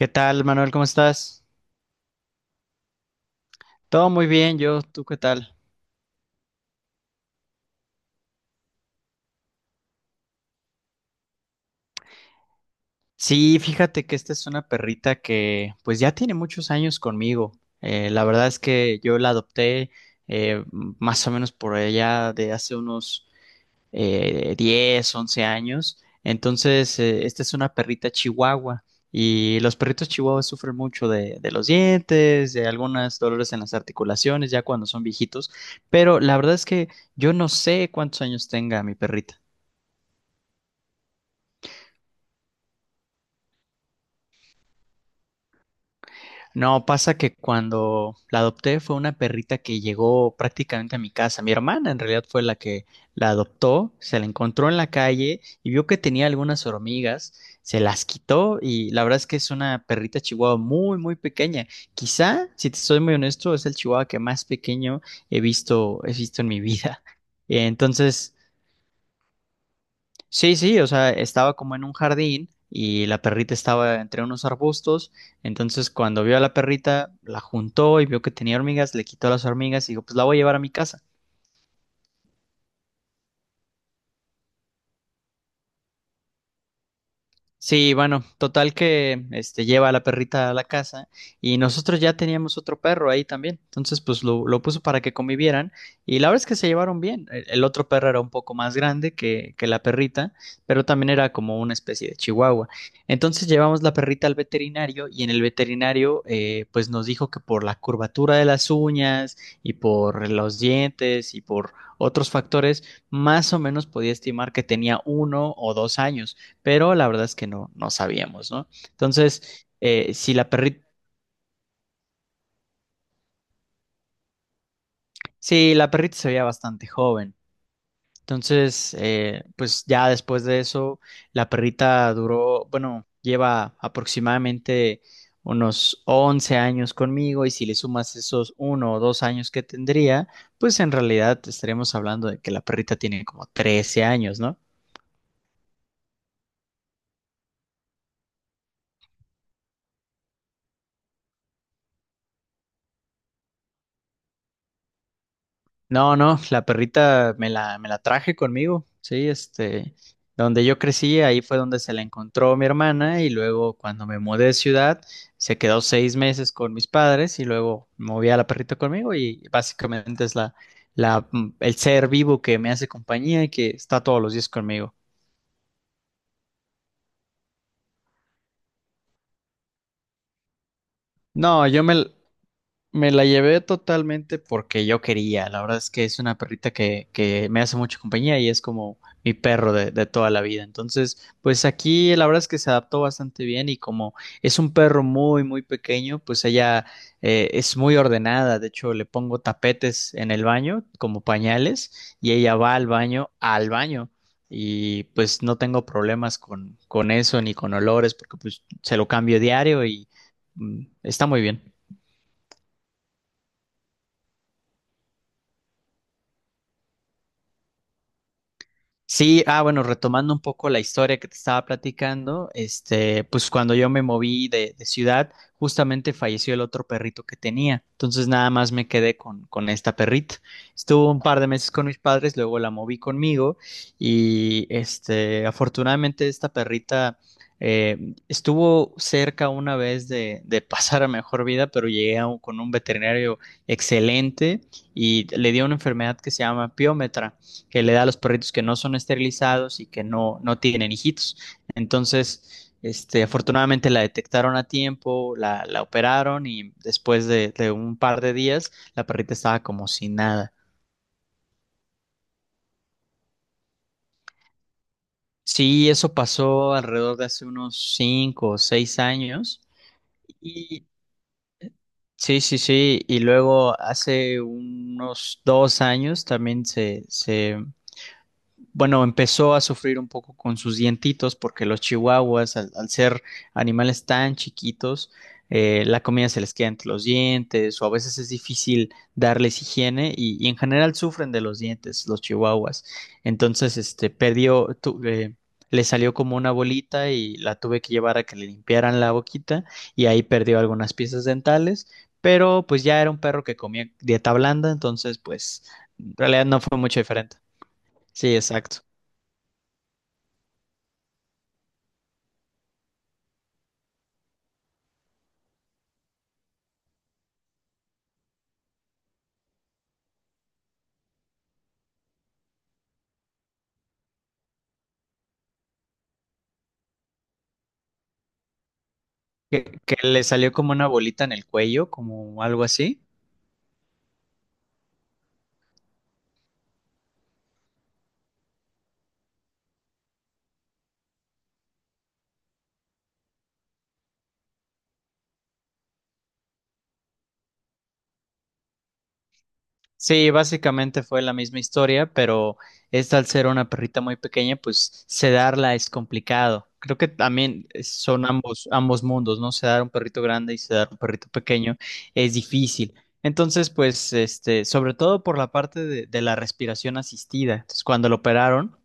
¿Qué tal, Manuel? ¿Cómo estás? Todo muy bien, yo, ¿tú qué tal? Sí, fíjate que esta es una perrita que pues ya tiene muchos años conmigo. La verdad es que yo la adopté más o menos por allá de hace unos 10, 11 años. Entonces, esta es una perrita chihuahua y los perritos chihuahuas sufren mucho de los dientes, de algunos dolores en las articulaciones ya cuando son viejitos, pero la verdad es que yo no sé cuántos años tenga mi perrita. No, pasa que cuando la adopté fue una perrita que llegó prácticamente a mi casa. Mi hermana en realidad fue la que la adoptó, se la encontró en la calle y vio que tenía algunas hormigas, se las quitó y la verdad es que es una perrita chihuahua muy, muy pequeña. Quizá, si te soy muy honesto, es el chihuahua que más pequeño he visto en mi vida. Entonces, sí, sí, o sea, estaba como en un jardín y la perrita estaba entre unos arbustos, entonces cuando vio a la perrita, la juntó y vio que tenía hormigas, le quitó las hormigas y dijo, pues la voy a llevar a mi casa. Sí, bueno, total que este lleva a la perrita a la casa y nosotros ya teníamos otro perro ahí también. Entonces, pues lo puso para que convivieran y la verdad es que se llevaron bien. El otro perro era un poco más grande que la perrita, pero también era como una especie de chihuahua. Entonces llevamos la perrita al veterinario y en el veterinario pues nos dijo que por la curvatura de las uñas y por los dientes y por otros factores, más o menos podía estimar que tenía 1 o 2 años, pero la verdad es que no sabíamos, ¿no? Entonces, si la perrita, sí, la perrita se veía bastante joven. Entonces, pues ya después de eso, la perrita bueno, lleva aproximadamente unos 11 años conmigo y si le sumas esos 1 o 2 años que tendría, pues en realidad estaríamos hablando de que la perrita tiene como 13 años, ¿no? No, no, la perrita me la traje conmigo, sí, este, donde yo crecí, ahí fue donde se la encontró mi hermana y luego cuando me mudé de ciudad, se quedó 6 meses con mis padres y luego moví a la perrita conmigo y básicamente es el ser vivo que me hace compañía y que está todos los días conmigo. No, me la llevé totalmente porque yo quería. La verdad es que es una perrita que me hace mucha compañía y es como mi perro de toda la vida. Entonces, pues aquí la verdad es que se adaptó bastante bien y como es un perro muy, muy pequeño, pues ella es muy ordenada. De hecho, le pongo tapetes en el baño como pañales y ella va al baño, al baño. Y pues no tengo problemas con eso ni con olores porque pues se lo cambio diario y está muy bien. Sí, ah, bueno, retomando un poco la historia que te estaba platicando, este, pues cuando yo me moví de ciudad, justamente falleció el otro perrito que tenía. Entonces nada más me quedé con esta perrita. Estuvo un par de meses con mis padres, luego la moví conmigo y este, afortunadamente esta perrita estuvo cerca una vez de pasar a mejor vida, pero llegué a con un veterinario excelente y le dio una enfermedad que se llama piómetra que le da a los perritos que no son esterilizados y que no tienen hijitos. Entonces, este, afortunadamente la detectaron a tiempo, la operaron y después de un par de días la perrita estaba como sin nada. Sí, eso pasó alrededor de hace unos 5 o 6 años. Y sí, sí, sí. Y luego hace unos 2 años también se bueno, empezó a sufrir un poco con sus dientitos porque los chihuahuas, al ser animales tan chiquitos, la comida se les queda entre los dientes o a veces es difícil darles higiene y en general sufren de los dientes los chihuahuas. Entonces, este, le salió como una bolita y la tuve que llevar a que le limpiaran la boquita y ahí perdió algunas piezas dentales, pero pues ya era un perro que comía dieta blanda, entonces pues en realidad no fue mucho diferente. Sí, exacto. Que le salió como una bolita en el cuello, como algo así. Sí, básicamente fue la misma historia, pero esta al ser una perrita muy pequeña, pues sedarla es complicado. Creo que también son ambos mundos, ¿no? Sedar un perrito grande y sedar un perrito pequeño es difícil. Entonces, pues, este, sobre todo por la parte de la respiración asistida. Entonces, cuando lo operaron,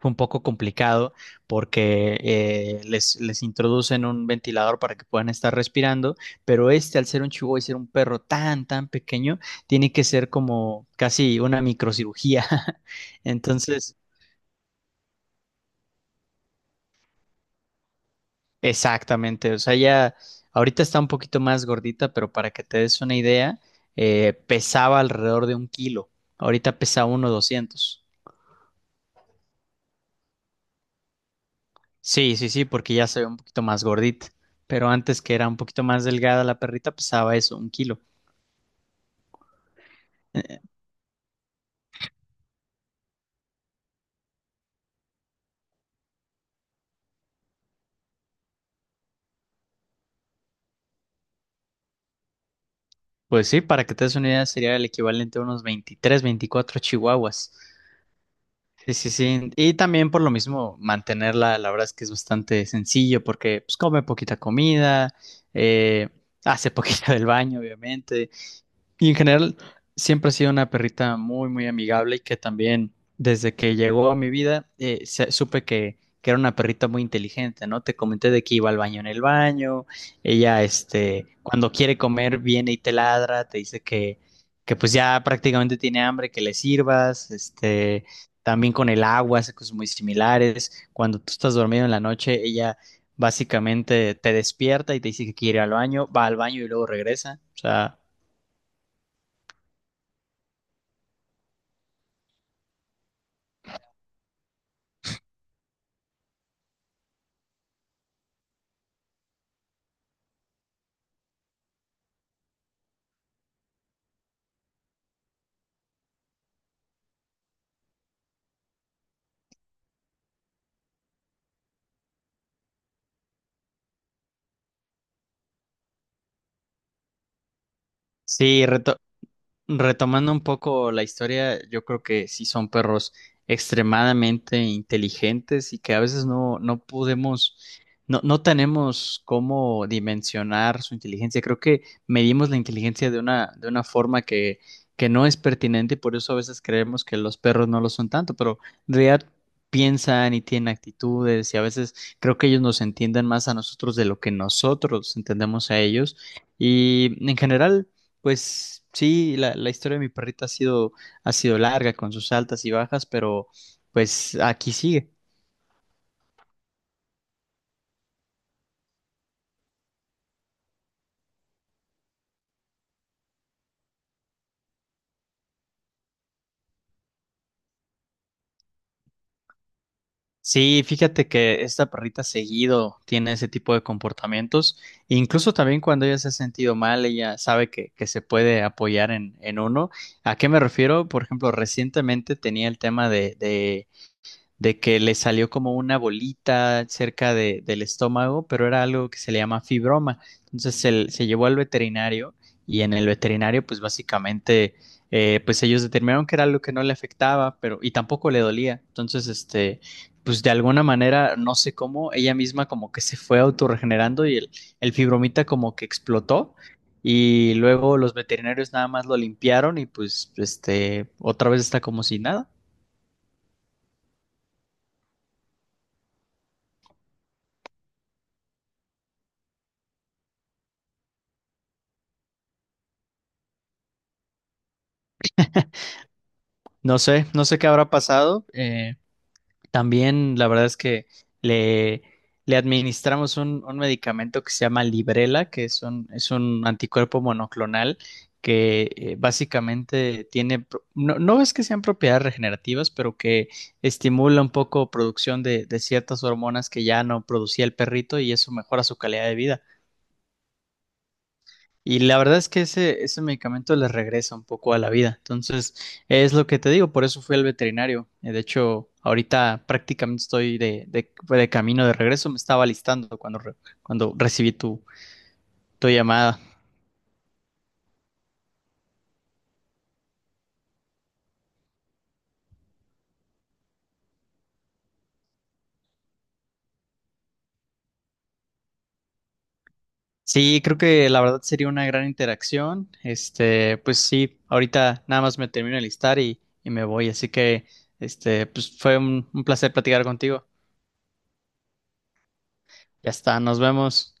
fue un poco complicado porque les introducen un ventilador para que puedan estar respirando, pero este al ser un chihuahua y ser un perro tan, tan pequeño, tiene que ser como casi una microcirugía. Entonces, exactamente, o sea, ya ahorita está un poquito más gordita, pero para que te des una idea, pesaba alrededor de un kilo, ahorita pesa uno doscientos. Sí, sí, sí, porque ya se ve un poquito más gordita, pero antes que era un poquito más delgada la perrita, pesaba eso, un kilo. Eh, Pues sí, para que te des una idea, sería el equivalente a unos 23, 24 chihuahuas. Sí, sí, sí. Y también por lo mismo, mantenerla, la verdad es que es bastante sencillo porque pues, come poquita comida, eh, hace poquita del baño, obviamente. Y en general, siempre ha sido una perrita muy, muy amigable y que también desde que llegó a mi vida supe que era una perrita muy inteligente, ¿no? Te comenté de que iba al baño en el baño, ella, este, cuando quiere comer, viene y te ladra, te dice que pues ya prácticamente tiene hambre, que le sirvas, este, también con el agua, hace cosas muy similares. Cuando tú estás dormido en la noche, ella básicamente te despierta y te dice que quiere ir al baño, va al baño y luego regresa, o sea... Sí, reto- Retomando un poco la historia, yo creo que sí son perros extremadamente inteligentes y que a veces no podemos, no tenemos cómo dimensionar su inteligencia. Creo que medimos la inteligencia de una forma que no es pertinente y por eso a veces creemos que los perros no lo son tanto, pero en realidad piensan y tienen actitudes y a veces creo que ellos nos entienden más a nosotros de lo que nosotros entendemos a ellos. Y en general... Pues sí, la historia de mi perrita ha sido larga con sus altas y bajas, pero pues aquí sigue. Sí, fíjate que esta perrita seguido tiene ese tipo de comportamientos. E incluso también cuando ella se ha sentido mal, ella sabe que se puede apoyar en uno. ¿A qué me refiero? Por ejemplo, recientemente tenía el tema de, que le salió como una bolita cerca del estómago, pero era algo que se le llama fibroma. Entonces se llevó al veterinario y en el veterinario pues básicamente pues ellos determinaron que era algo que no le afectaba, pero y tampoco le dolía. Entonces este pues de alguna manera no sé cómo ella misma como que se fue autorregenerando y el fibromita como que explotó. Y luego los veterinarios nada más lo limpiaron y pues este otra vez está como si nada. No sé, no sé qué habrá pasado. También la verdad es que le, le administramos un medicamento que se llama Librela, que es un anticuerpo monoclonal que básicamente tiene, no, no es que sean propiedades regenerativas, pero que estimula un poco producción de ciertas hormonas que ya no producía el perrito y eso mejora su calidad de vida. Y la verdad es que ese medicamento les regresa un poco a la vida. Entonces, es lo que te digo, por eso fui al veterinario. De hecho, ahorita prácticamente estoy de camino de regreso, me estaba alistando cuando recibí tu llamada. Sí, creo que la verdad sería una gran interacción. Este, pues sí, ahorita nada más me termino de listar y me voy. Así que, este, pues fue un placer platicar contigo. Ya está, nos vemos.